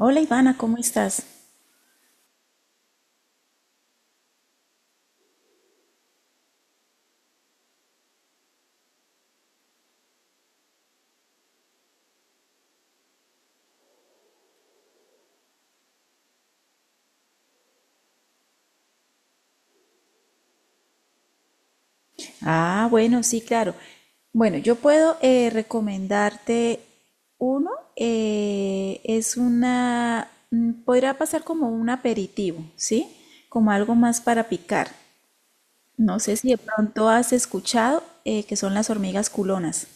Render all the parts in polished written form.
Hola Ivana, ¿cómo estás? Ah, bueno, sí, claro. Bueno, yo puedo recomendarte uno, podrá pasar como un aperitivo, ¿sí? Como algo más para picar. No sé si de pronto has escuchado que son las hormigas culonas.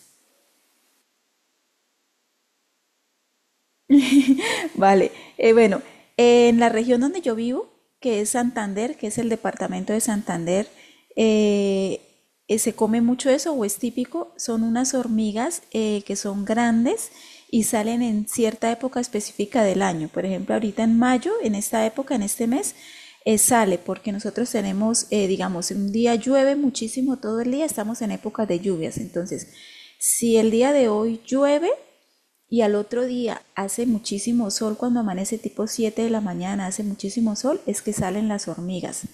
Vale, bueno, en la región donde yo vivo, que es Santander, que es el departamento de Santander, eh, se come mucho eso o es típico, son unas hormigas que son grandes y salen en cierta época específica del año. Por ejemplo, ahorita en mayo, en esta época, en este mes, sale porque nosotros tenemos, digamos, un día llueve muchísimo todo el día, estamos en época de lluvias. Entonces, si el día de hoy llueve, y al otro día hace muchísimo sol, cuando amanece tipo 7 de la mañana, hace muchísimo sol, es que salen las hormigas.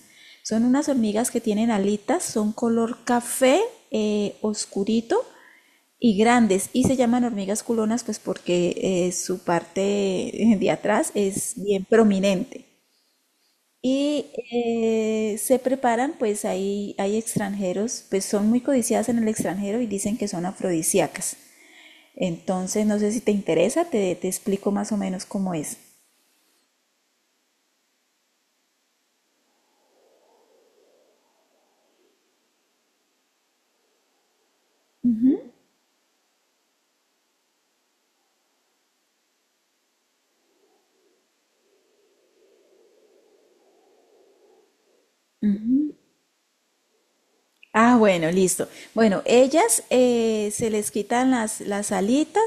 Son unas hormigas que tienen alitas, son color café oscurito y grandes y se llaman hormigas culonas pues porque su parte de atrás es bien prominente. Y se preparan, pues ahí hay extranjeros, pues son muy codiciadas en el extranjero y dicen que son afrodisíacas. Entonces, no sé si te interesa, te explico más o menos cómo es. Ah, bueno, listo. Bueno, ellas se les quitan las alitas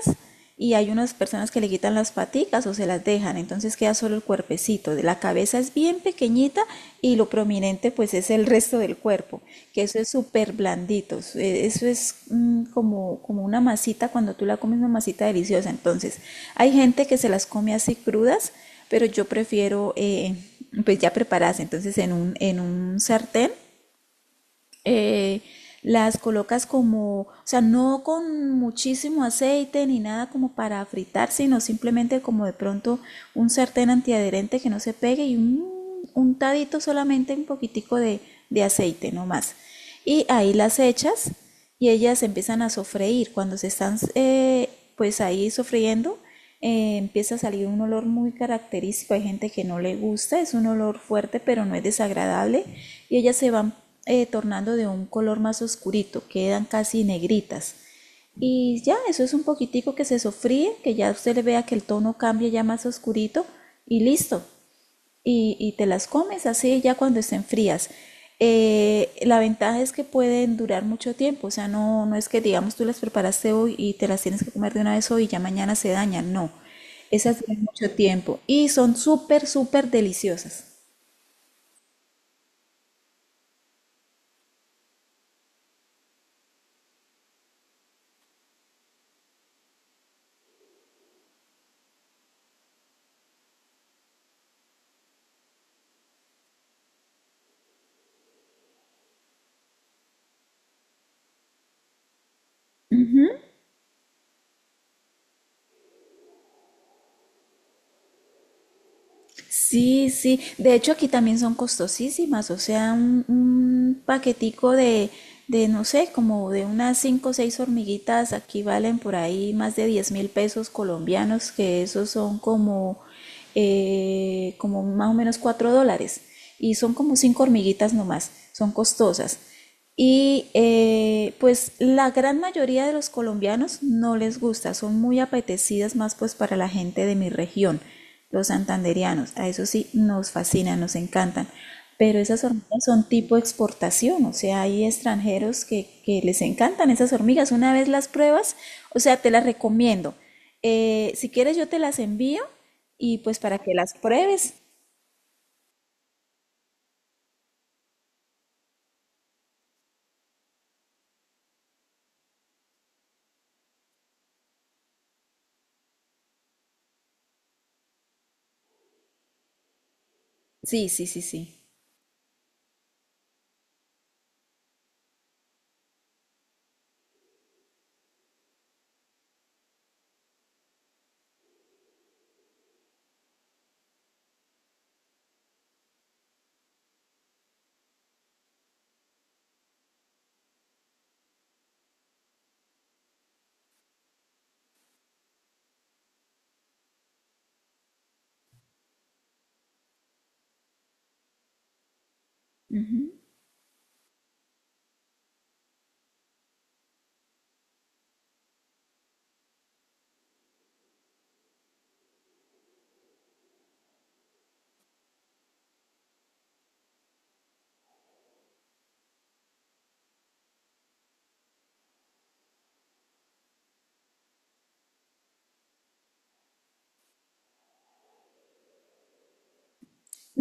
y hay unas personas que le quitan las paticas o se las dejan, entonces queda solo el cuerpecito. La cabeza es bien pequeñita y lo prominente pues es el resto del cuerpo, que eso es súper blandito. Eso es como una masita, cuando tú la comes una masita deliciosa. Entonces, hay gente que se las come así crudas, pero yo prefiero pues ya preparadas. Entonces, en un sartén eh, las colocas como, o sea, no con muchísimo aceite ni nada como para fritar, sino simplemente como de pronto un sartén antiadherente que no se pegue y un untadito solamente un poquitico de aceite nomás. Y ahí las echas y ellas empiezan a sofreír. Cuando se están pues ahí sofriendo, empieza a salir un olor muy característico. Hay gente que no le gusta, es un olor fuerte, pero no es desagradable. Y ellas se van tornando de un color más oscurito, quedan casi negritas. Y ya, eso es un poquitico que se sofríe, que ya usted le vea que el tono cambia ya más oscurito y listo y te las comes así ya cuando estén frías. La ventaja es que pueden durar mucho tiempo, o sea, no, no es que digamos tú las preparaste hoy y te las tienes que comer de una vez hoy y ya mañana se dañan, no, esas duran mucho tiempo y son súper, súper deliciosas. Sí, sí. De hecho, aquí también son costosísimas. O sea, un paquetico de, no sé, como de unas cinco o seis hormiguitas, aquí valen por ahí más de 10.000 pesos colombianos, que esos son como, como más o menos 4 dólares. Y son como cinco hormiguitas nomás. Son costosas. Y pues la gran mayoría de los colombianos no les gusta, son muy apetecidas más pues para la gente de mi región, los santandereanos. A eso sí, nos fascinan, nos encantan. Pero esas hormigas son tipo exportación, o sea, hay extranjeros que les encantan esas hormigas. Una vez las pruebas, o sea, te las recomiendo. Si quieres yo te las envío y pues para que las pruebes. Sí, sí, sí, sí.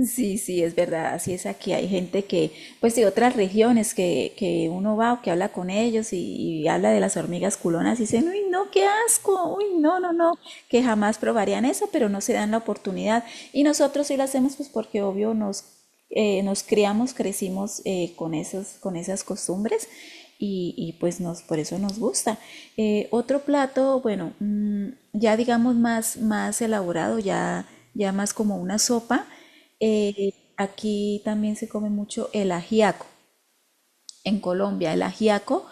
Sí, sí, es verdad, así es aquí. Hay gente que, pues de otras regiones que uno va o que habla con ellos y habla de las hormigas culonas y dicen, uy, no, qué asco, uy, no, no, no, que jamás probarían eso, pero no se dan la oportunidad. Y nosotros sí lo hacemos, pues porque obvio nos, nos criamos, crecimos con esas costumbres y, pues por eso nos gusta. Otro plato, bueno, ya digamos más elaborado, ya más como una sopa. Aquí también se come mucho el ajiaco en Colombia. El ajiaco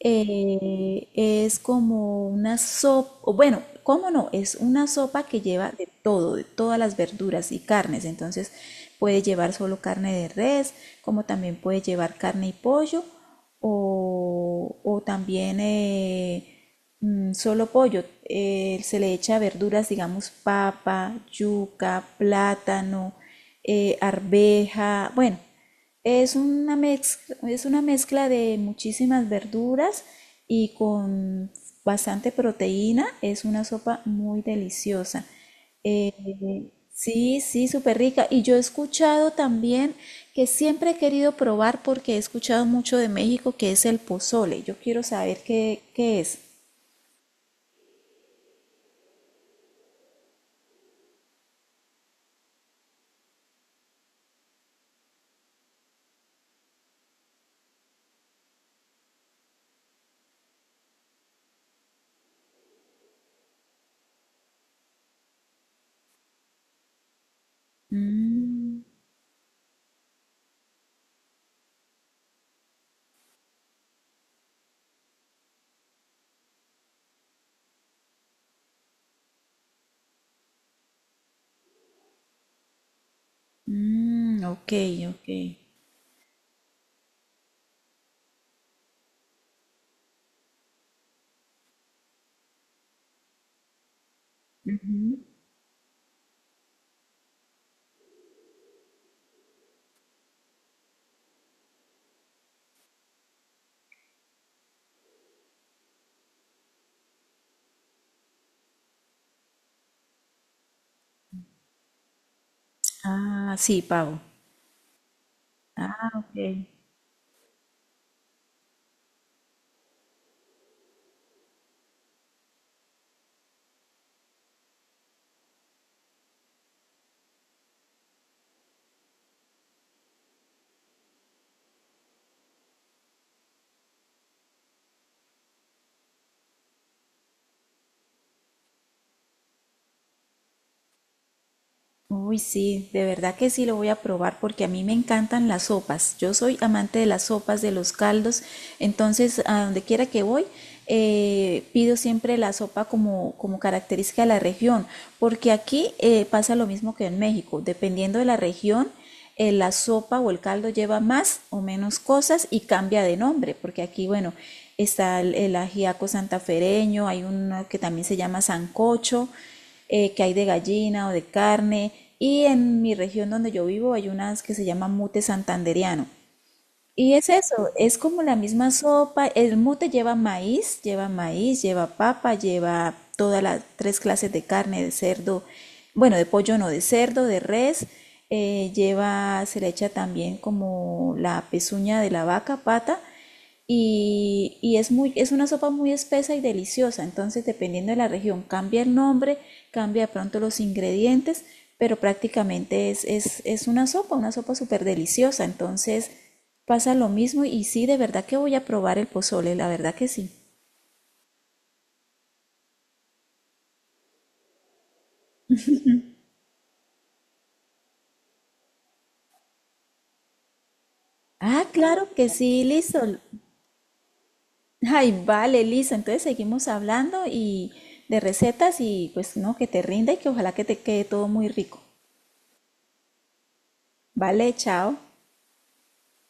es como una sopa, bueno, ¿cómo no? Es una sopa que lleva de todo, de todas las verduras y carnes. Entonces puede llevar solo carne de res, como también puede llevar carne y pollo, o también solo pollo. Se le echa verduras, digamos, papa, yuca, plátano, arveja, bueno. Es una mezcla de muchísimas verduras y con bastante proteína. Es una sopa muy deliciosa. Eh, sí, sí, súper rica. Y yo he escuchado también que siempre he querido probar porque he escuchado mucho de México que es el pozole. Yo quiero saber qué es. Mm, ok, ok. Ah, sí, pavo. Ah, ok. Uy, sí, de verdad que sí lo voy a probar porque a mí me encantan las sopas. Yo soy amante de las sopas, de los caldos. Entonces, a donde quiera que voy, pido siempre la sopa como característica de la región. Porque aquí pasa lo mismo que en México. Dependiendo de la región, la sopa o el caldo lleva más o menos cosas y cambia de nombre, porque aquí, bueno, está el ajiaco santafereño, hay uno que también se llama sancocho, que hay de gallina o de carne, y en mi región donde yo vivo hay unas que se llaman mute santanderiano y es eso, es como la misma sopa. El mute lleva maíz, lleva maíz, lleva papa, lleva todas las tres clases de carne, de cerdo, bueno, de pollo no, de cerdo, de res. Se le echa también como la pezuña de la vaca, pata y es una sopa muy espesa y deliciosa. Entonces, dependiendo de la región, cambia el nombre, cambia de pronto los ingredientes, pero prácticamente es una sopa súper deliciosa. Entonces, pasa lo mismo y sí, de verdad que voy a probar el pozole, la verdad que sí. Ah, claro que sí, listo. Ay, vale, listo. Entonces seguimos hablando y de recetas y pues no, que te rinda y que ojalá que te quede todo muy rico. Vale, chao.